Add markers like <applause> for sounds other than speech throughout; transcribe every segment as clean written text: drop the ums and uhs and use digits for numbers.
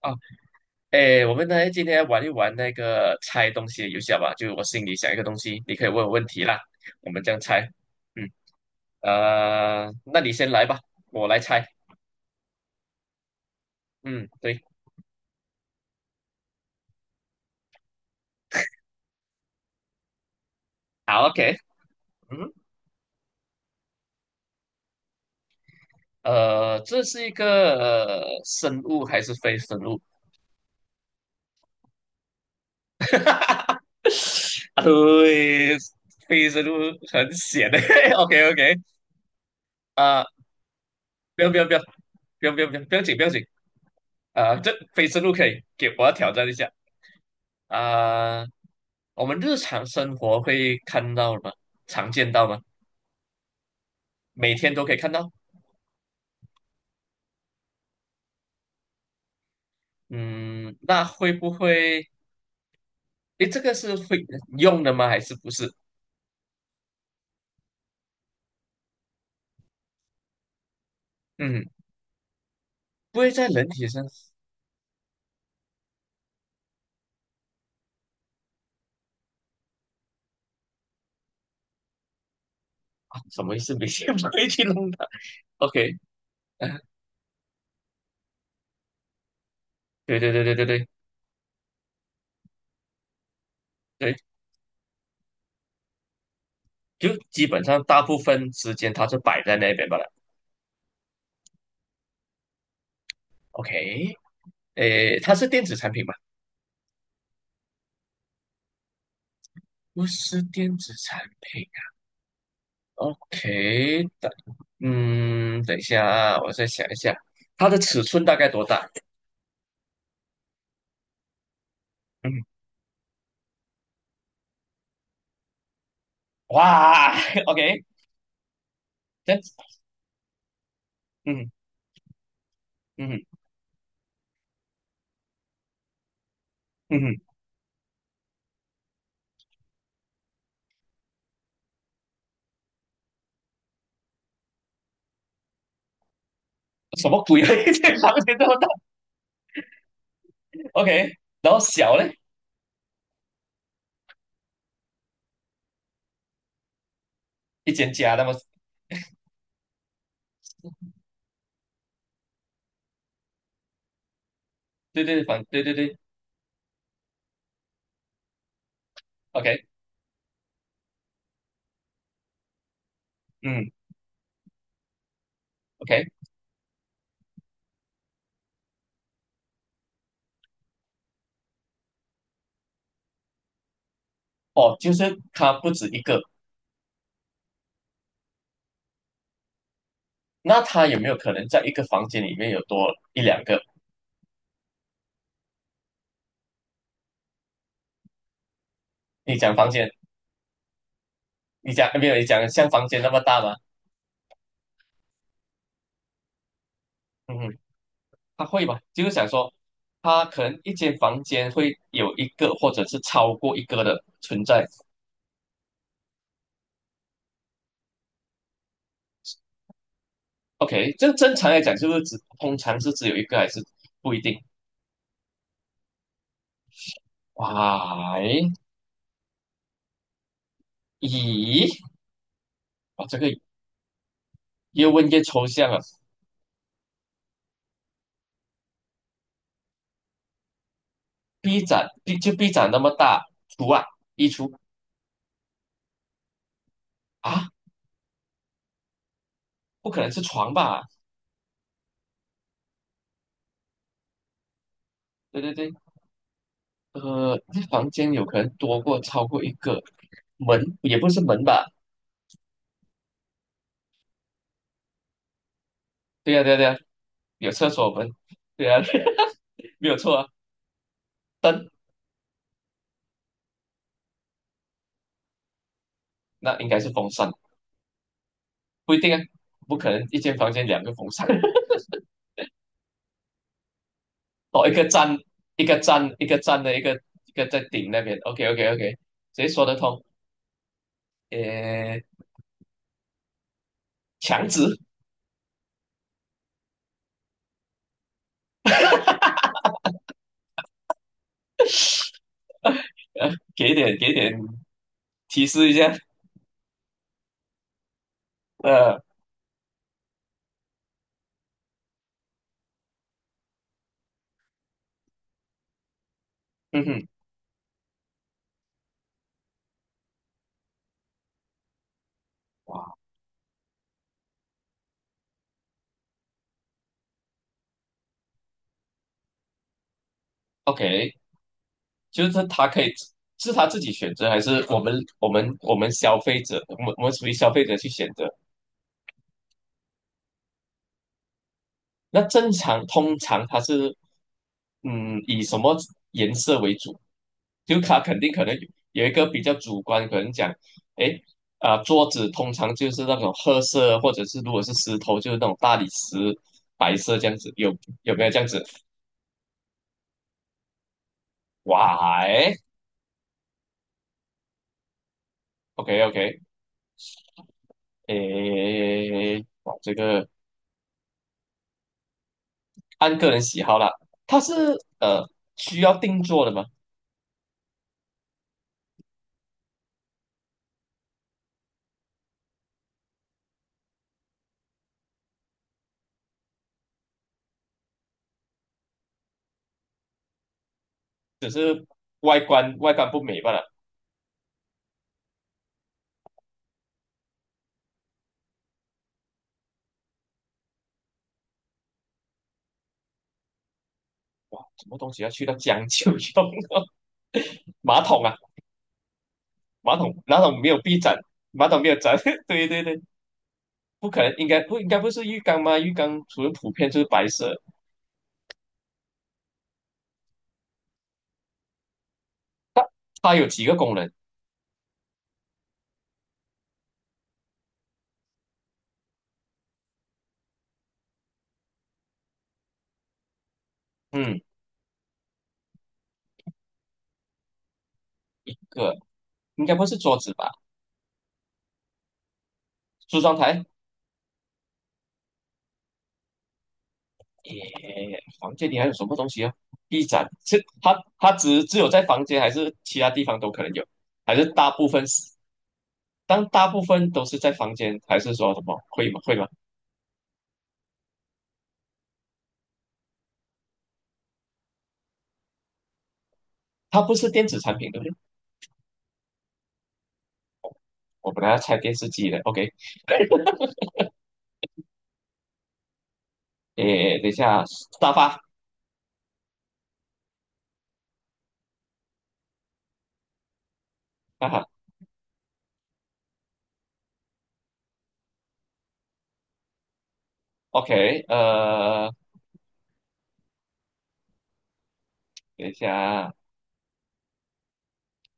啊，哎，我们来今天玩一玩那个猜东西的游戏好吧？就我心里想一个东西，你可以问我问题啦，我们这样猜。嗯，那你先来吧，我来猜。嗯，对，好，OK。嗯，这是一个、呃生物还是非生物？<laughs> 啊对，非生物很险的。<laughs> OK OK。啊、不用不用不用不要紧。这非生物可以给我要挑战一下。啊、我们日常生活会看到吗？常见到吗？每天都可以看到。嗯，那会不会？诶，这个是会用的吗？还是不是？嗯，不会在人体上啊？什么意思？每天不会去弄它？OK，啊对对对对对对对，就基本上大部分时间它是摆在那边罢了。OK，诶，它是电子产品吗？不是电子产品。OK，嗯，等一下啊，我再想一下，它的尺寸大概多大？嗯，哇 <laughs>，OK。这，嗯嗯嗯，什么鬼啊？<laughs> 间房间这么大？OK，然后小嘞，一间家那么，对对房，对对对，OK，嗯，OK。哦，就是它不止一个，那它有没有可能在一个房间里面有多一两个？你讲房间，你讲没有？你讲像房间那么大吗？嗯哼。他会吧？就是想说，他可能一间房间会有一个或者是超过一个的存在。OK，这正常来讲是不是只通常是只有一个还是不一定？哇，诶咦，哇，这个越问越抽象了。B 展，B 展那么大，厨啊，衣橱啊，不可能是床吧？对对对，这房间有可能多过超过一个门，也不是门吧？对呀、对呀、对呀、有厕所门，对呀、<laughs> 没有错啊。灯。那应该是风扇，不一定啊，不可能一间房间两个风扇。<laughs> 哦，一个站一个站一个站的一个一个在顶那边，OK OK OK，谁说得通？呃，墙纸。呃，给点给点提示一下，呃，嗯哼，哇，OK。就是他可以是他自己选择，还是我们消费者，我们属于消费者去选择？那正常通常它是以什么颜色为主？就它肯定可能有一个比较主观，可能讲，诶，桌子通常就是那种褐色，或者是如果是石头就是那种大理石白色这样子，有没有这样子？哇，诶， o k OK。诶，哇，这个按个人喜好啦，它是呃需要定做的吗？只是外观外观不美罢了。什么东西要去到将就用？<laughs> <laughs> 马桶啊，马桶，马桶没有壁展，马桶没有展，<laughs> 对对对。不可能，应该不是浴缸吗？浴缸除了普遍就是白色，它有几个功能？嗯，个应该不是桌子吧？梳妆台？耶，房间里还有什么东西啊？壁展是它只有在房间还是其他地方都可能有？还是大部分是？当大部分都是在房间，还是说什么会吗？会吗？它不是电子产品，对不对？我本来要拆电视机的，OK。<laughs> 诶，等一下，沙发哈哈，OK。等一下啊，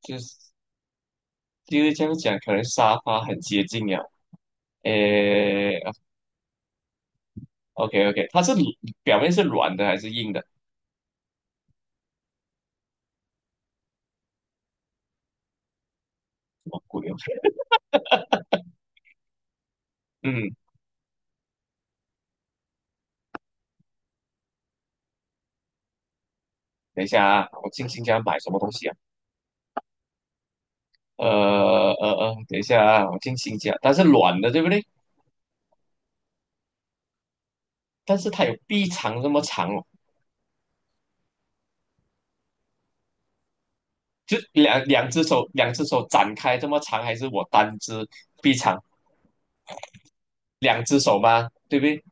就是就是这样讲，可能沙发很接近了。诶，OK OK，表面是软的还是硬的？什么鬼哦？嗯，等一下啊，我进新家买什么东西啊？呃等一下啊，我进新家，它是软的，对不对？但是它有臂长这么长哦，就两只手，两只手展开这么长，还是我单只臂长？两只手吗？对不对？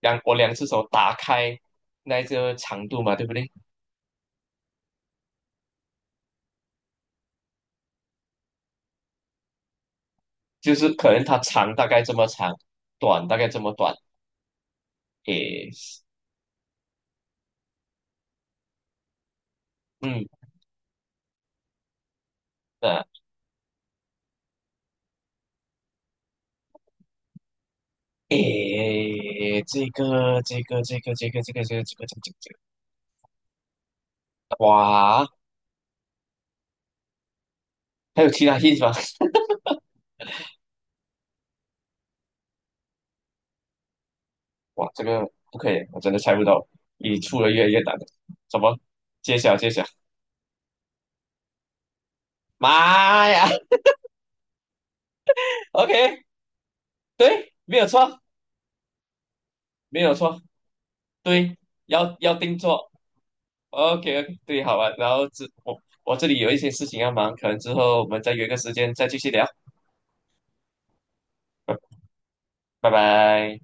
我两只手打开那个长度嘛，对不对？就是可能它长大概这么长，短大概这么短，诶，嗯，呃，诶，这个，哇，还有其他意思吗？<laughs> 哇，这个不可以，我真的猜不到，你出的越来越难了，怎么揭晓揭晓？妈呀 <laughs>，OK，对，没有错，没有错，对，要定做。OK，对，好吧，然后我这里有一些事情要忙，可能之后我们再约个时间再继续聊。拜拜。